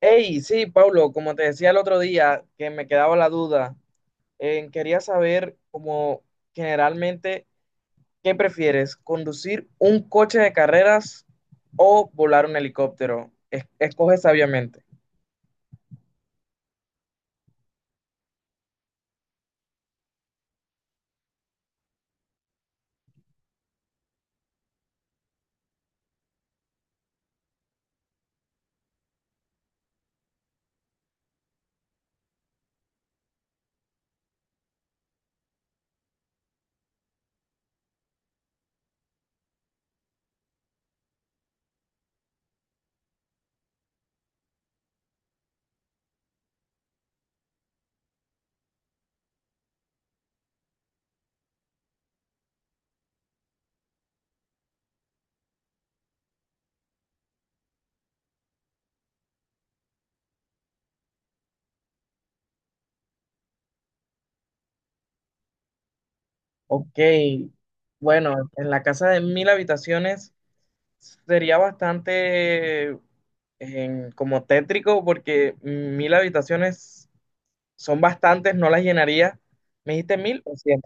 Hey, sí, Paulo, como te decía el otro día, que me quedaba la duda, quería saber como generalmente, ¿qué prefieres? ¿Conducir un coche de carreras o volar un helicóptero? Escoge sabiamente. Ok, bueno, en la casa de mil habitaciones sería bastante como tétrico porque mil habitaciones son bastantes, no las llenaría. ¿Me dijiste mil o cien?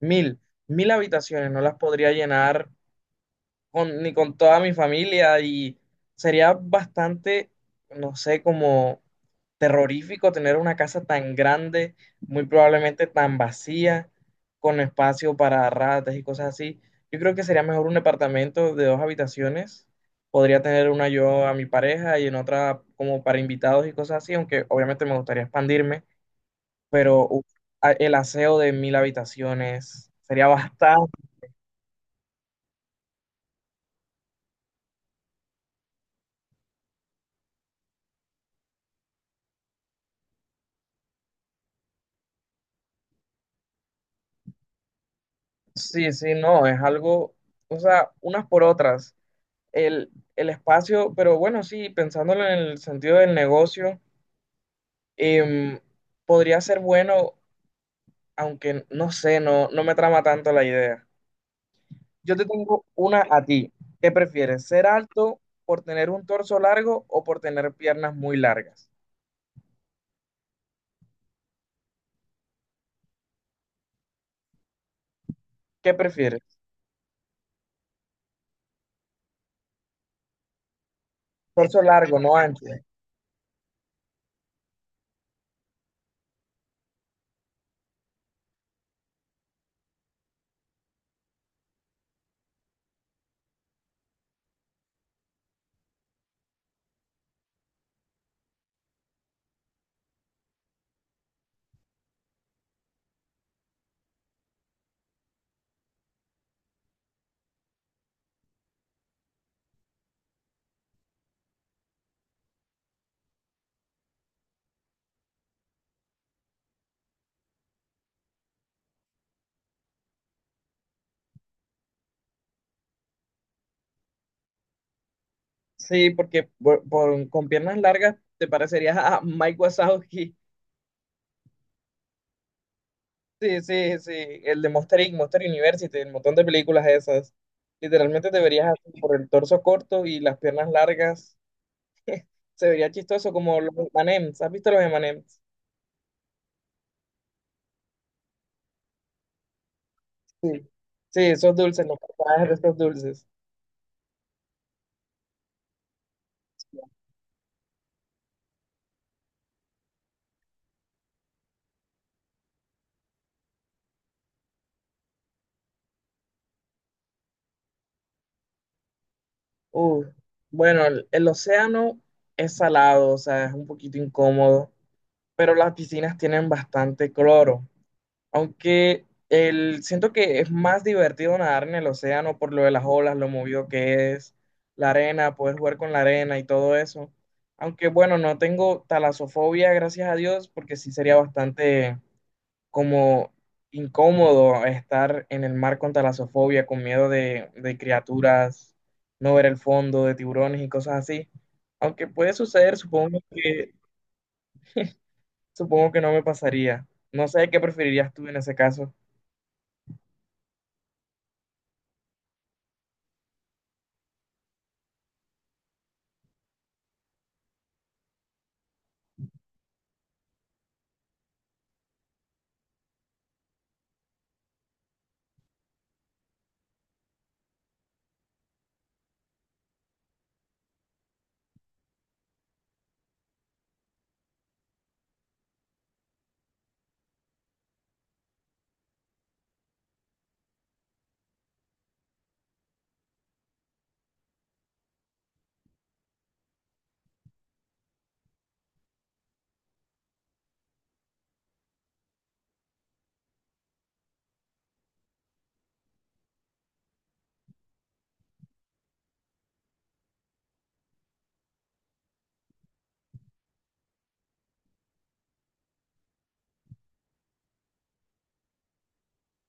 Mil, mil habitaciones, no las podría llenar ni con toda mi familia y sería bastante, no sé, como terrorífico tener una casa tan grande, muy probablemente tan vacía, con espacio para ratas y cosas así. Yo creo que sería mejor un departamento de dos habitaciones. Podría tener una yo a mi pareja y en otra como para invitados y cosas así, aunque obviamente me gustaría expandirme, pero uf, el aseo de mil habitaciones sería bastante. Sí, sí, no, es algo, o sea, unas por otras. El, el espacio, pero bueno, sí, pensándolo en el sentido del negocio, em, podría ser bueno, aunque no sé, no, no me trama tanto la idea. Yo te tengo una a ti. ¿Qué prefieres? ¿Ser alto por tener un torso largo o por tener piernas muy largas? ¿Qué prefieres? Torso largo, no ancho. Sí, porque con piernas largas te parecerías a Mike Wazowski. Sí, sí, sí, el de Monster Inc., Monster University, el montón de películas esas. Literalmente te verías así por el torso corto y las piernas largas. Se vería chistoso como los M&M's. ¿Has visto los M&M's? Sí. Sí, esos dulces, los personajes de esos dulces. Uf. Bueno, el océano es salado, o sea, es un poquito incómodo, pero las piscinas tienen bastante cloro. Aunque el, siento que es más divertido nadar en el océano por lo de las olas, lo movido que es, la arena, poder jugar con la arena y todo eso. Aunque bueno, no tengo talasofobia, gracias a Dios, porque sí sería bastante como incómodo estar en el mar con talasofobia, con miedo de criaturas, no ver el fondo, de tiburones y cosas así. Aunque puede suceder, supongo que no me pasaría. No sé qué preferirías tú en ese caso.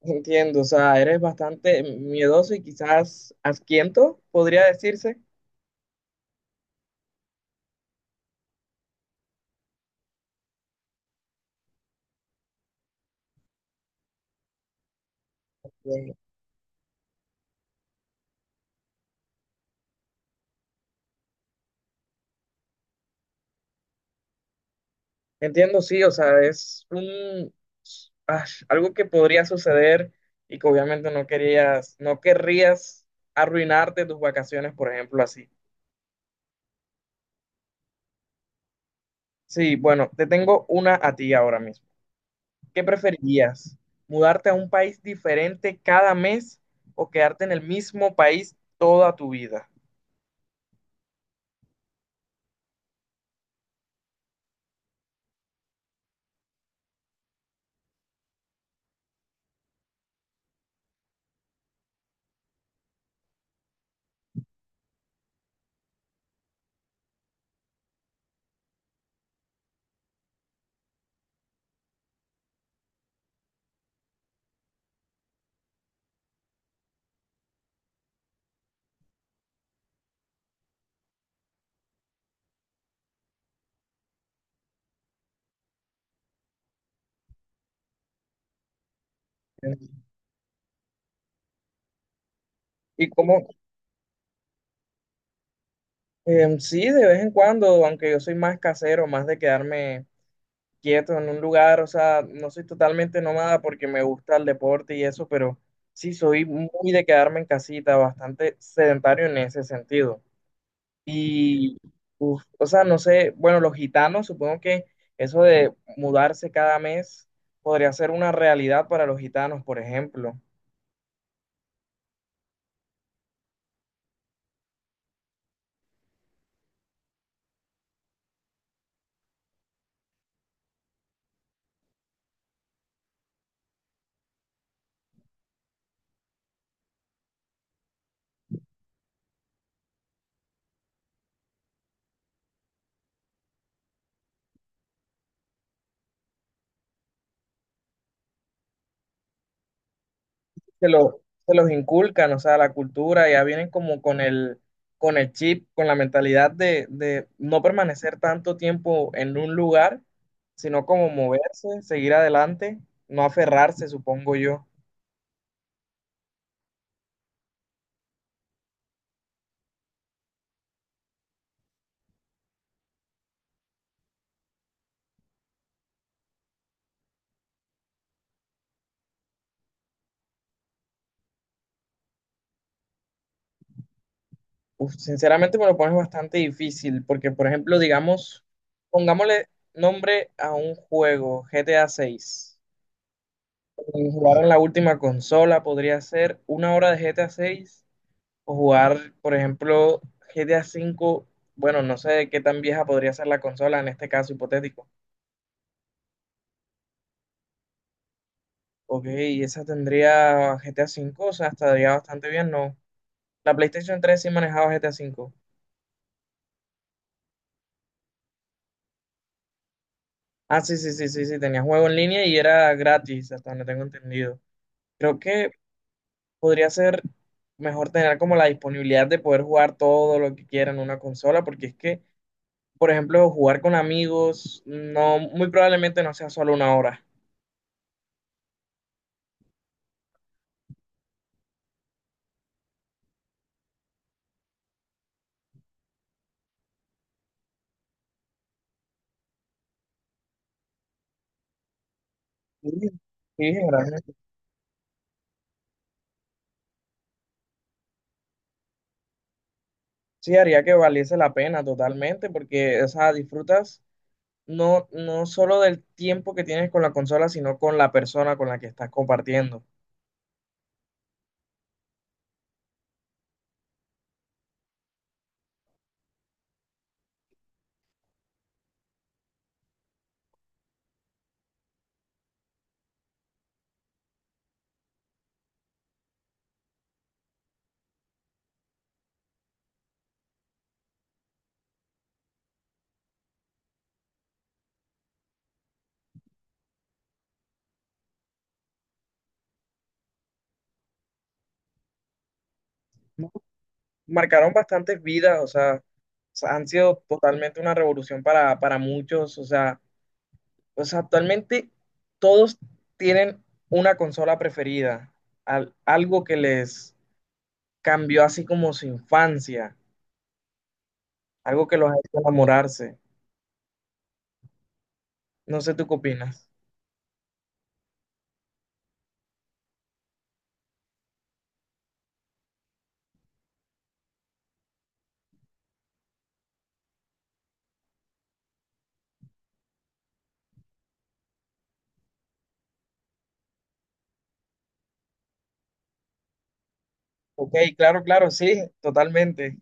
Entiendo, o sea, eres bastante miedoso y quizás asquiento, podría decirse. Bien. Entiendo, sí, o sea, es un ah, algo que podría suceder y que obviamente no querías, no querrías arruinarte tus vacaciones, por ejemplo, así. Sí, bueno, te tengo una a ti ahora mismo. ¿Qué preferirías? ¿Mudarte a un país diferente cada mes o quedarte en el mismo país toda tu vida? ¿Y cómo? Sí, de vez en cuando, aunque yo soy más casero, más de quedarme quieto en un lugar, o sea, no soy totalmente nómada porque me gusta el deporte y eso, pero sí soy muy de quedarme en casita, bastante sedentario en ese sentido. Y, uf, o sea, no sé, bueno, los gitanos, supongo que eso de mudarse cada mes podría ser una realidad para los gitanos, por ejemplo. Se los inculcan, o sea, la cultura, ya vienen como con el chip, con la mentalidad de no permanecer tanto tiempo en un lugar, sino como moverse, seguir adelante, no aferrarse, supongo yo. Uf, sinceramente me lo pones bastante difícil, porque por ejemplo, digamos, pongámosle nombre a un juego, GTA 6. Jugar en la última consola podría ser una hora de GTA 6. O jugar, por ejemplo, GTA V, bueno, no sé qué tan vieja podría ser la consola en este caso hipotético. Ok, esa tendría GTA V, o sea, estaría bastante bien, ¿no? La PlayStation 3 sí manejaba GTA V. Ah, sí, sí, sí, sí, sí, tenía juego en línea y era gratis, hasta donde tengo entendido. Creo que podría ser mejor tener como la disponibilidad de poder jugar todo lo que quiera en una consola, porque es que, por ejemplo, jugar con amigos, no, muy probablemente no sea solo una hora. Sí, sí. Sí, haría que valiese la pena totalmente, porque, o sea, disfrutas no, no solo del tiempo que tienes con la consola, sino con la persona con la que estás compartiendo. Marcaron bastantes vidas, o sea, han sido totalmente una revolución para muchos, o sea, actualmente todos tienen una consola preferida, algo que les cambió así como su infancia, algo que los ha hecho enamorarse. No sé, ¿tú qué opinas? Ok, claro, claro, sí, totalmente.